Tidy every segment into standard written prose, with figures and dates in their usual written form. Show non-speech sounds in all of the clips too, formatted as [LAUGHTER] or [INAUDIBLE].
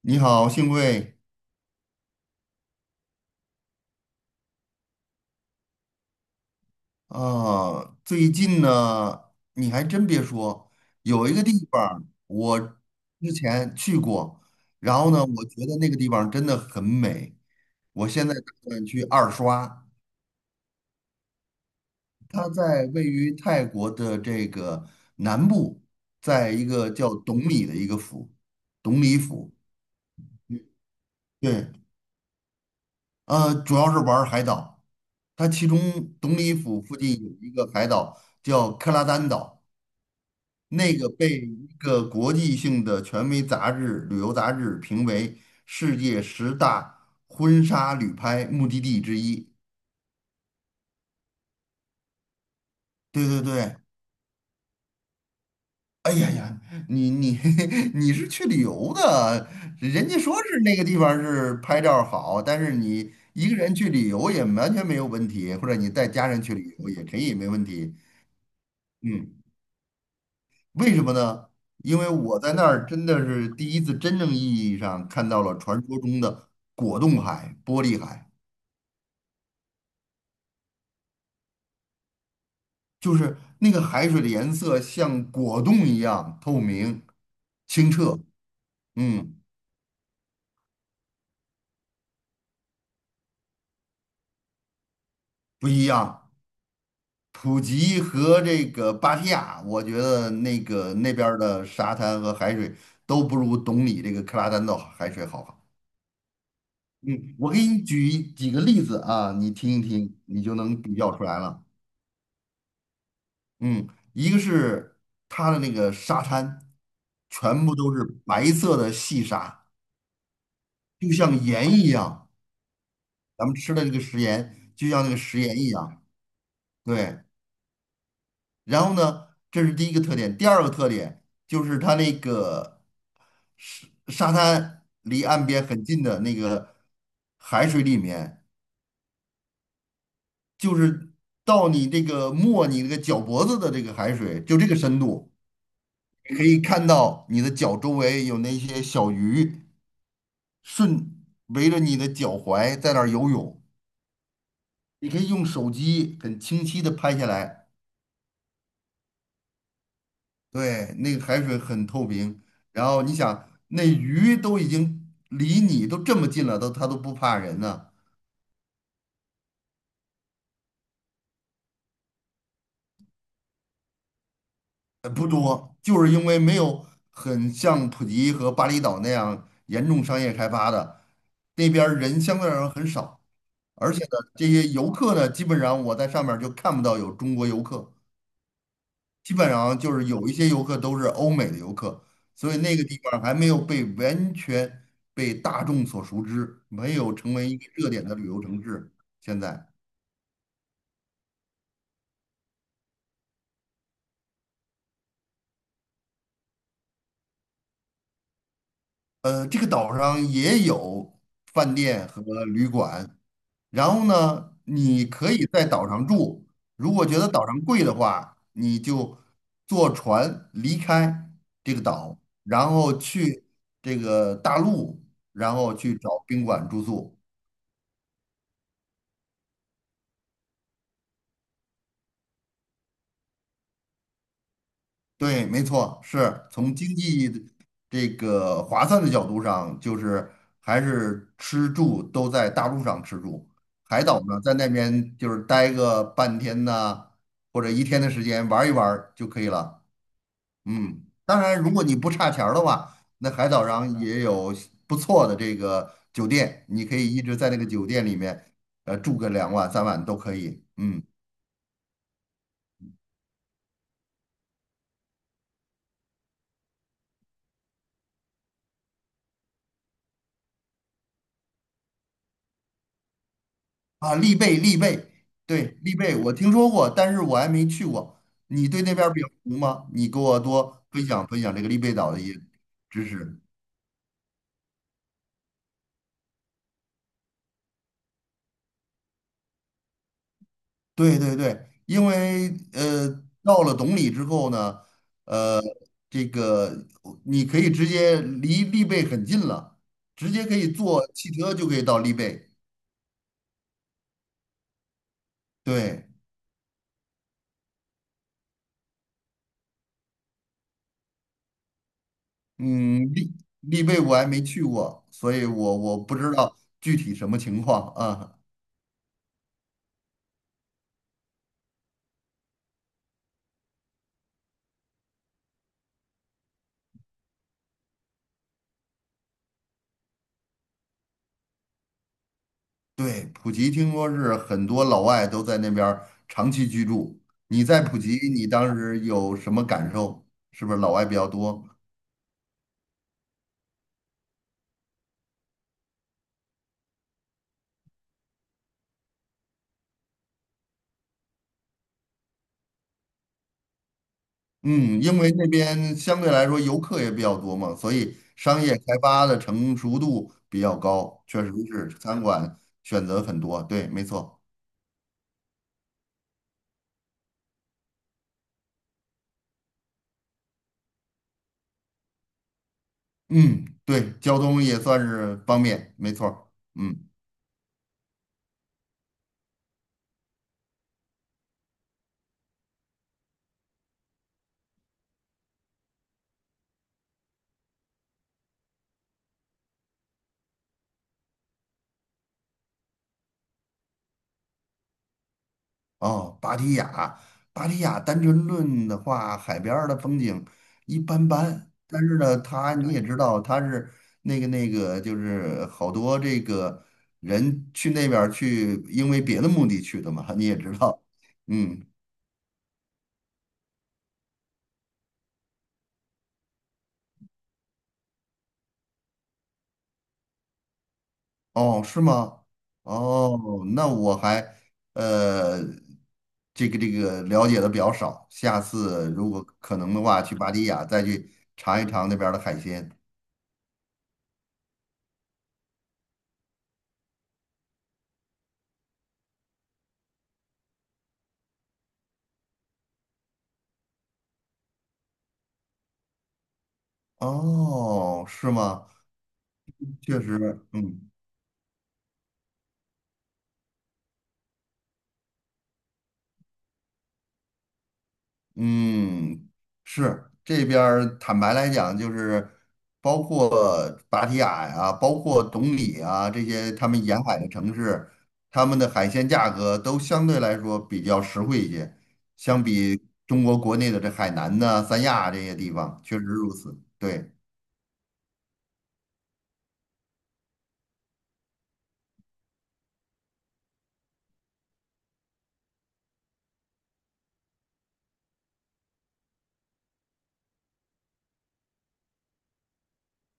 你好，幸会啊！最近呢，你还真别说，有一个地方儿我之前去过，然后呢，我觉得那个地方真的很美，我现在打算去二刷。它在位于泰国的这个南部，在一个叫董里的一个府，董里府。对，主要是玩儿海岛。它其中董里府附近有一个海岛叫克拉丹岛。那个被一个国际性的权威杂志、旅游杂志评为世界十大婚纱旅拍目的地之一。对对对，哎呀呀，你 [LAUGHS] 你是去旅游的，人家说是那个地方是拍照儿好，但是你一个人去旅游也完全没有问题，或者你带家人去旅游也可以没问题。嗯。为什么呢？因为我在那儿真的是第一次真正意义上看到了传说中的果冻海、玻璃海，就是那个海水的颜色像果冻一样透明、清澈，嗯，不一样。普吉和这个芭提雅，我觉得那个那边儿的沙滩和海水都不如懂你这个克拉丹岛海水好。嗯，我给你举几个例子啊，你听一听，你就能比较出来了。嗯，一个是它的那个沙滩，全部都是白色的细沙，就像盐一样。咱们吃的这个食盐，就像那个食盐一样。对，然后呢，这是第一个特点。第二个特点就是它那个沙滩离岸边很近的那个海水里面，就是到你这个没你这个脚脖子的这个海水，就这个深度，可以看到你的脚周围有那些小鱼。顺围着你的脚踝在那儿游泳，你可以用手机很清晰的拍下来，对，那个海水很透明，然后你想那鱼都已经离你都这么近了，都它都不怕人呢、不多，就是因为没有很像普吉和巴厘岛那样严重商业开发的，那边儿人相对来说很少，而且呢，这些游客呢，基本上我在上面儿就看不到有中国游客。基本上就是有一些游客都是欧美的游客，所以那个地方还没有被完全被大众所熟知，没有成为一个热点的旅游城市。现在，这个岛上也有饭店和旅馆，然后呢，你可以在岛上住，如果觉得岛上贵的话，你就坐船离开这个岛，然后去这个大陆，然后去找宾馆住宿。对，没错，是从经济的这个划算的角度上，就是还是吃住都在大陆上吃住，海岛呢在那边就是待个半天呐、或者一天的时间玩一玩儿就可以了。嗯，当然，如果你不差钱儿的话，那海岛上也有不错的这个酒店，你可以一直在那个酒店里面，住个两晚三晚都可以。嗯，啊，丽贝，丽贝，对，丽贝，我听说过，但是我还没去过。你对那边儿比较熟吗？你给我多分享分享这个丽贝岛的一些知识。对对对，因为到了懂里之后呢，呃，这个你可以直接离丽贝很近了，直接可以坐汽车就可以到丽贝。对，嗯，丽贝我还没去过，所以我不知道具体什么情况啊。对，普吉听说是很多老外都在那边儿长期居住。你在普吉，你当时有什么感受？是不是老外比较多？嗯，因为那边相对来说游客也比较多嘛，所以商业开发的成熟度比较高，确实是餐馆选择很多。对，没错。嗯，对，交通也算是方便，没错儿。嗯。哦，芭提雅，芭提雅单纯论的话，海边儿的风景一般般，但是呢，它你也知道，它是那个那个，就是好多这个人去那边儿去，因为别的目的去的嘛，你也知道，嗯，哦，是吗？哦，那我还呃，这个这个了解的比较少，下次如果可能的话，去芭提雅再去尝一尝那边儿的海鲜。哦，是吗？确实，嗯嗯，是这边儿坦白来讲，就是包括芭提雅呀、包括董里啊这些他们沿海的城市，他们的海鲜价格都相对来说比较实惠一些，相比中国国内的这海南呐、三亚这些地方，确实如此。对，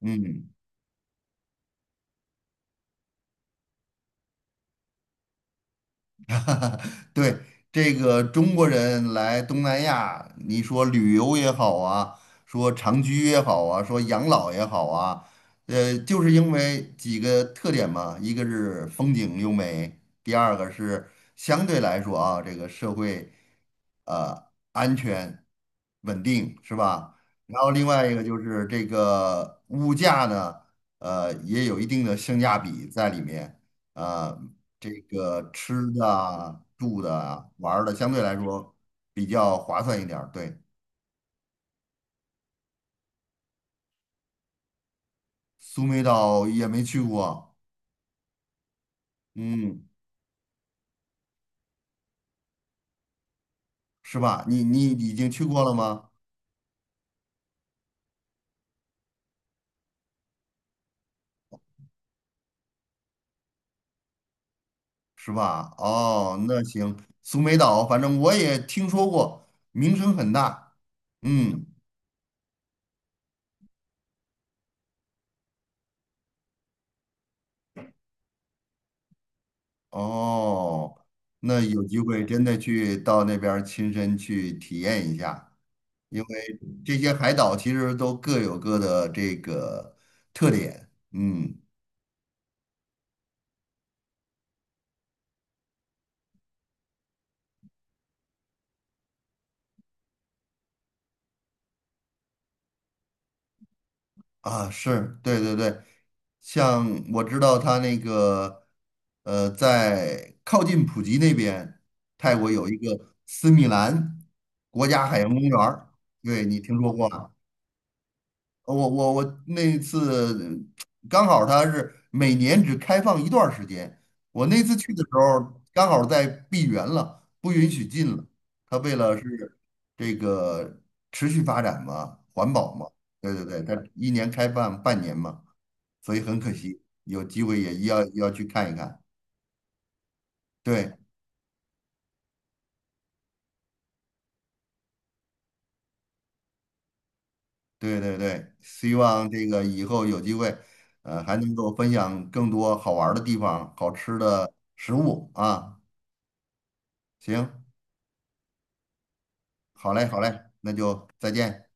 嗯。对，这个中国人来东南亚，你说旅游也好啊，说长居也好啊，说养老也好啊，就是因为几个特点嘛，一个是风景优美，第二个是相对来说啊，这个社会安全稳定是吧？然后另外一个就是这个物价呢，也有一定的性价比在里面啊。这个吃的啊住的啊玩儿的，相对来说比较划算一点儿对，苏梅岛也没去过，嗯，是吧？你你已经去过了吗？是吧？哦，那行，苏梅岛，反正我也听说过，名声很大。嗯，哦，那有机会真的去到那边儿亲身去体验一下，因为这些海岛其实都各有各的这个特点。嗯。啊，是对对对，像我知道他那个，在靠近普吉那边，泰国有一个斯米兰国家海洋公园儿，对你听说过吗？我那次刚好他是每年只开放一段儿时间，我那次去的时候刚好在闭园了，不允许进了。他为了是这个持续发展嘛，环保嘛，对对对，他一年开放半年嘛，所以很可惜，有机会也要去看一看。对对对对，希望这个以后有机会，还能够分享更多好玩儿的地方、好吃的食物啊。行。好嘞，好嘞，那就再见。